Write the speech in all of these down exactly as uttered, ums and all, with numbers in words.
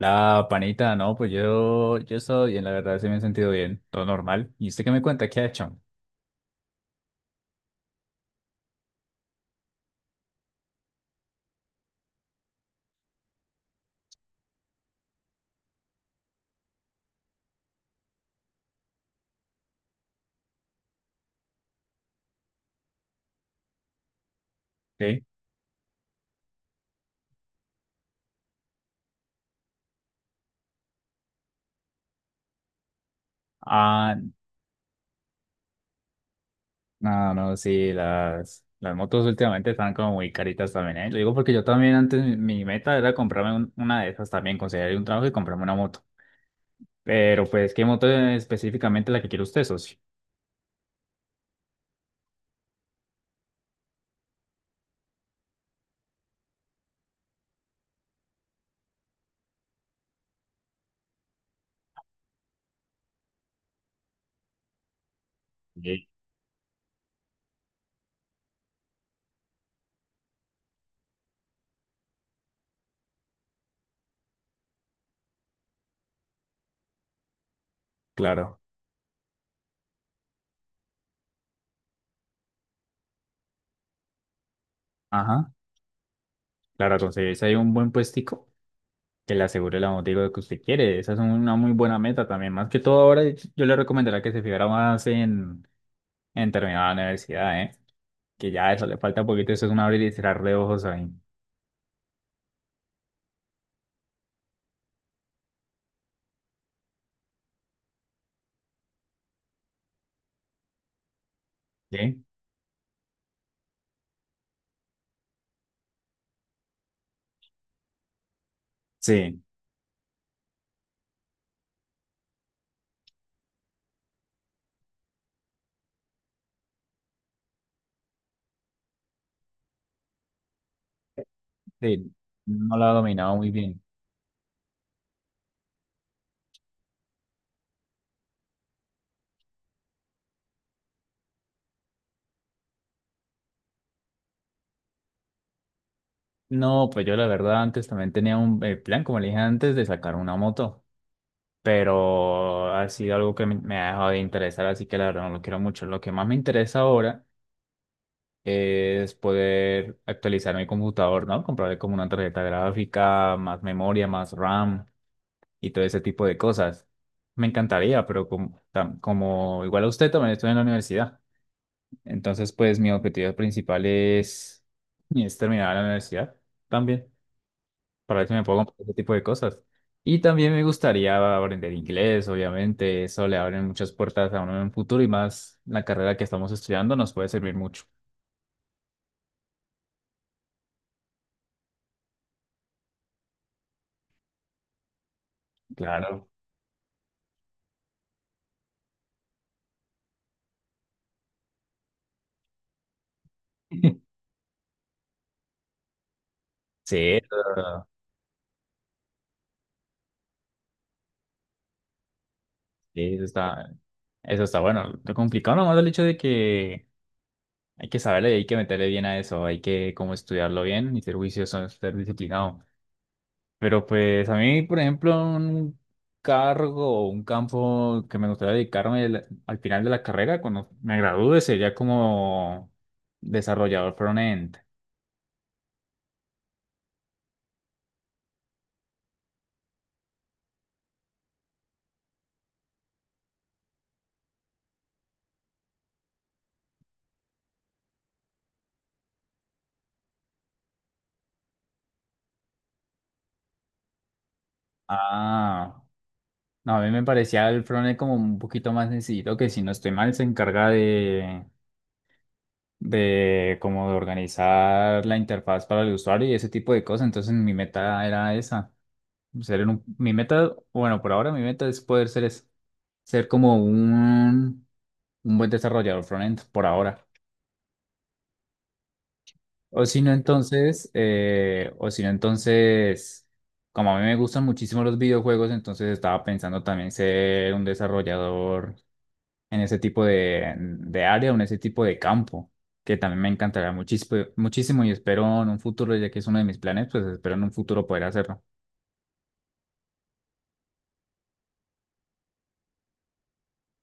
La panita, no, pues yo, yo he estado bien, la verdad, sí me he sentido bien, todo normal. ¿Y usted qué me cuenta? ¿Qué ha hecho? ¿Sí? Ah, no, no, sí, las, las motos últimamente están como muy caritas también, ¿eh? Lo digo porque yo también antes mi, mi meta era comprarme un- una de esas también, conseguir un trabajo y comprarme una moto. Pero pues, ¿qué moto es específicamente la que quiere usted, socio? Sí. Claro. Ajá. Claro, conseguirse ahí un buen puestico que le asegure la moto y lo que usted quiere. Esa es una muy buena meta también. Más que todo ahora yo le recomendaría que se fijara más en, en terminar la universidad, ¿eh? Que ya eso le falta un poquito, eso es un abrir y cerrar de ojos ahí. ¿Sí? Sí, sí. No la ha dominado muy bien. No, pues yo la verdad antes también tenía un eh, plan, como le dije antes, de sacar una moto. Pero ha sido algo que me me ha dejado de interesar, así que la verdad no lo quiero mucho. Lo que más me interesa ahora es poder actualizar mi computador, ¿no? Comprarle como una tarjeta gráfica, más memoria, más RAM y todo ese tipo de cosas. Me encantaría, pero como, tam- como igual a usted también estoy en la universidad. Entonces, pues mi objetivo principal es, es terminar la universidad también, para ver si me puedo comprar ese tipo de cosas. Y también me gustaría aprender inglés, obviamente, eso le abre muchas puertas a uno en un futuro y más la carrera que estamos estudiando nos puede servir mucho. Claro. Sí, eso, sí, eso está, eso está bueno. Lo complicado nomás el hecho de que hay que saberle y hay que meterle bien a eso, hay que como estudiarlo bien y ser juicioso, ser disciplinado. Pero pues a mí, por ejemplo, un cargo o un campo que me gustaría dedicarme al al final de la carrera, cuando me gradúe, sería como desarrollador front-end. Ah, no, a mí me parecía el front-end como un poquito más sencillo, que si no estoy mal se encarga de de como de organizar la interfaz para el usuario y ese tipo de cosas. Entonces mi meta era esa, ser un, mi meta, bueno, por ahora mi meta es poder ser, es- ser como un, un buen desarrollador frontend por ahora. O si no, entonces, eh, o si no, entonces, como a mí me gustan muchísimo los videojuegos, entonces estaba pensando también ser un desarrollador en ese tipo de, de área o en ese tipo de campo, que también me encantará muchísimo, muchísimo y espero en un futuro, ya que es uno de mis planes, pues espero en un futuro poder hacerlo.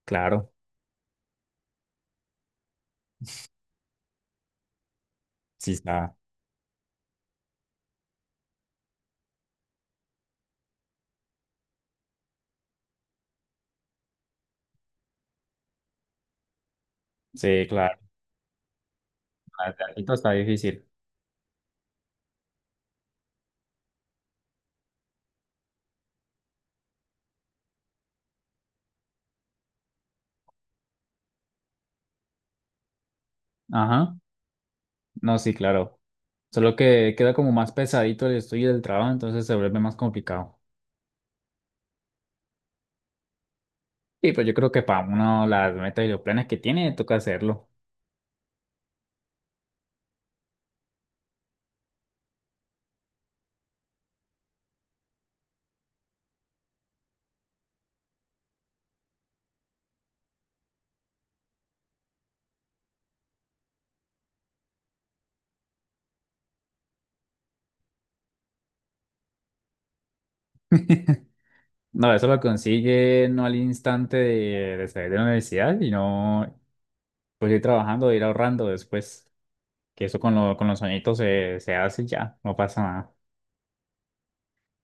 Claro, sí está. Sí, claro. Planteamiento está difícil. Ajá. No, sí, claro. Solo que queda como más pesadito el estudio del trabajo, entonces se vuelve más complicado. Y pues yo creo que para uno las metas y los planes que tiene, toca hacerlo. No, eso lo consigue no al instante de, de salir de la universidad, sino pues ir trabajando, ir ahorrando después, que eso con, lo- con los añitos se, se hace y ya, no pasa nada.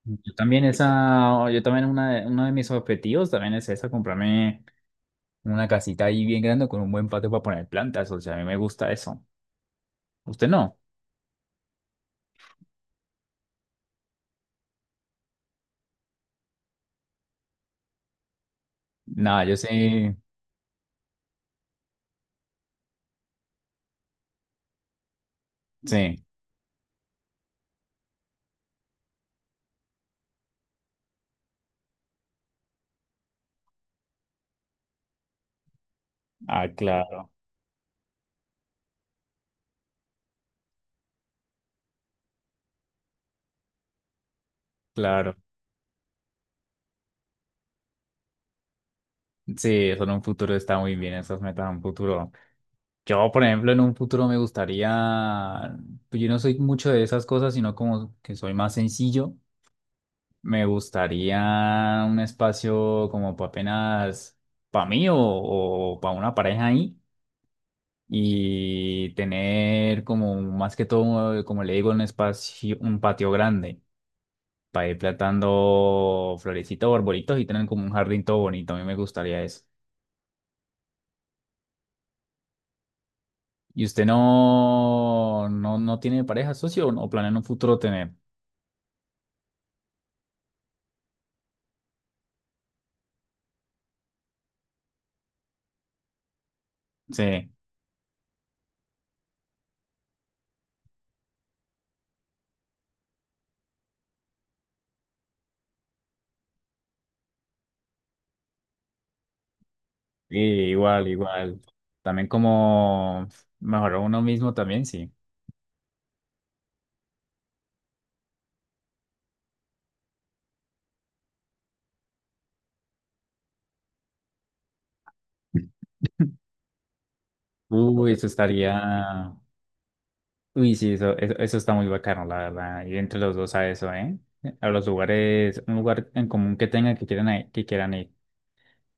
Yo también esa, yo también una de, uno de mis objetivos también es esa, comprarme una casita ahí bien grande con un buen patio para poner plantas, o sea, a mí me gusta eso. ¿Usted no? Nada, yo sí, sí. Ah, claro, claro. Sí, eso en un futuro está muy bien, esas metas en un futuro. Yo, por ejemplo, en un futuro me gustaría, pues yo no soy mucho de esas cosas, sino como que soy más sencillo. Me gustaría un espacio como para apenas para mí o, o para una pareja ahí y tener como más que todo, eh, como le digo, un espacio, un patio grande para ir plantando florecitas o arbolitos y tener como un jardín todo bonito. A mí me gustaría eso. ¿Y usted no, no, no tiene pareja, socio, o no planea en un futuro tener? Sí, sí, igual, igual. También como mejorar uno mismo también, sí. Uy, eso estaría. Uy, sí, eso, eso, eso está muy bacano, la verdad. Ir entre los dos a eso, ¿eh? A los lugares, un lugar en común que tengan que quieran, a- que quieran ir.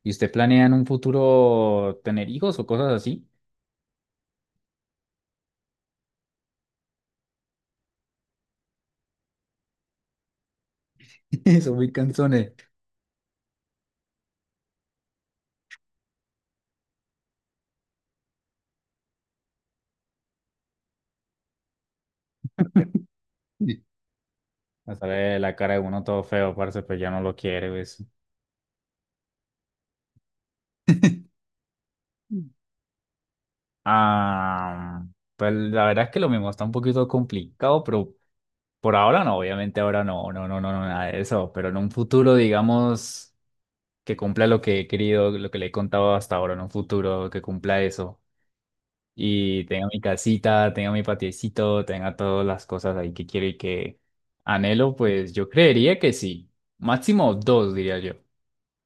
¿Y usted planea en un futuro tener hijos o cosas así? Eso, muy canzones. Sí. Me sale la cara de uno todo feo, parce, pues ya no lo quiere, ¿ves? Ah, pues la verdad es que lo mismo está un poquito complicado, pero por ahora no, obviamente ahora no, no, no, no, no, nada de eso, pero en un futuro, digamos, que cumpla lo que he querido, lo que le he contado hasta ahora en un futuro, que cumpla eso. Y tenga mi casita, tenga mi patiecito, tenga todas las cosas ahí que quiero y que anhelo, pues yo creería que sí. Máximo dos, diría yo.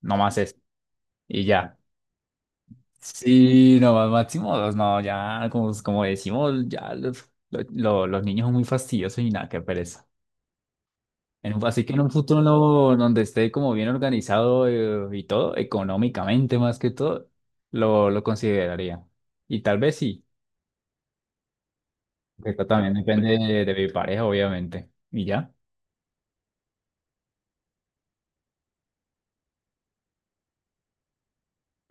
No más eso. Y ya. Sí, no más máximo dos, no, ya, como, como decimos, ya los, lo- lo- los niños son muy fastidiosos y nada, qué pereza. En un- así que en un futuro no- donde esté como bien organizado eh, y todo, económicamente más que todo, lo, lo consideraría. Y tal vez sí, pero también depende de, de mi pareja, obviamente. Y ya.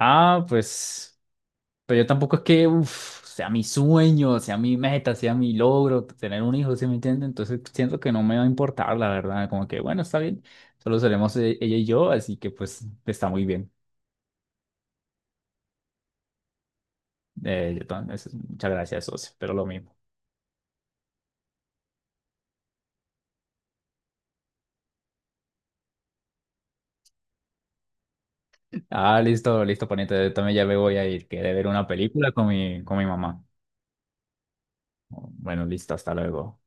Ah, pues, pero yo tampoco es que uf, sea mi sueño, sea mi meta, sea mi logro tener un hijo, ¿sí me entiendes? Entonces siento que no me va a importar, la verdad. Como que, bueno, está bien, solo seremos eh, ella y yo, así que pues está muy bien. Eh, yo tam- es- muchas gracias, socio, pero lo mismo. Ah, listo, listo, poniente. Yo también ya me voy a ir. Quedé ver una película con mi, con mi mamá. Bueno, listo, hasta luego.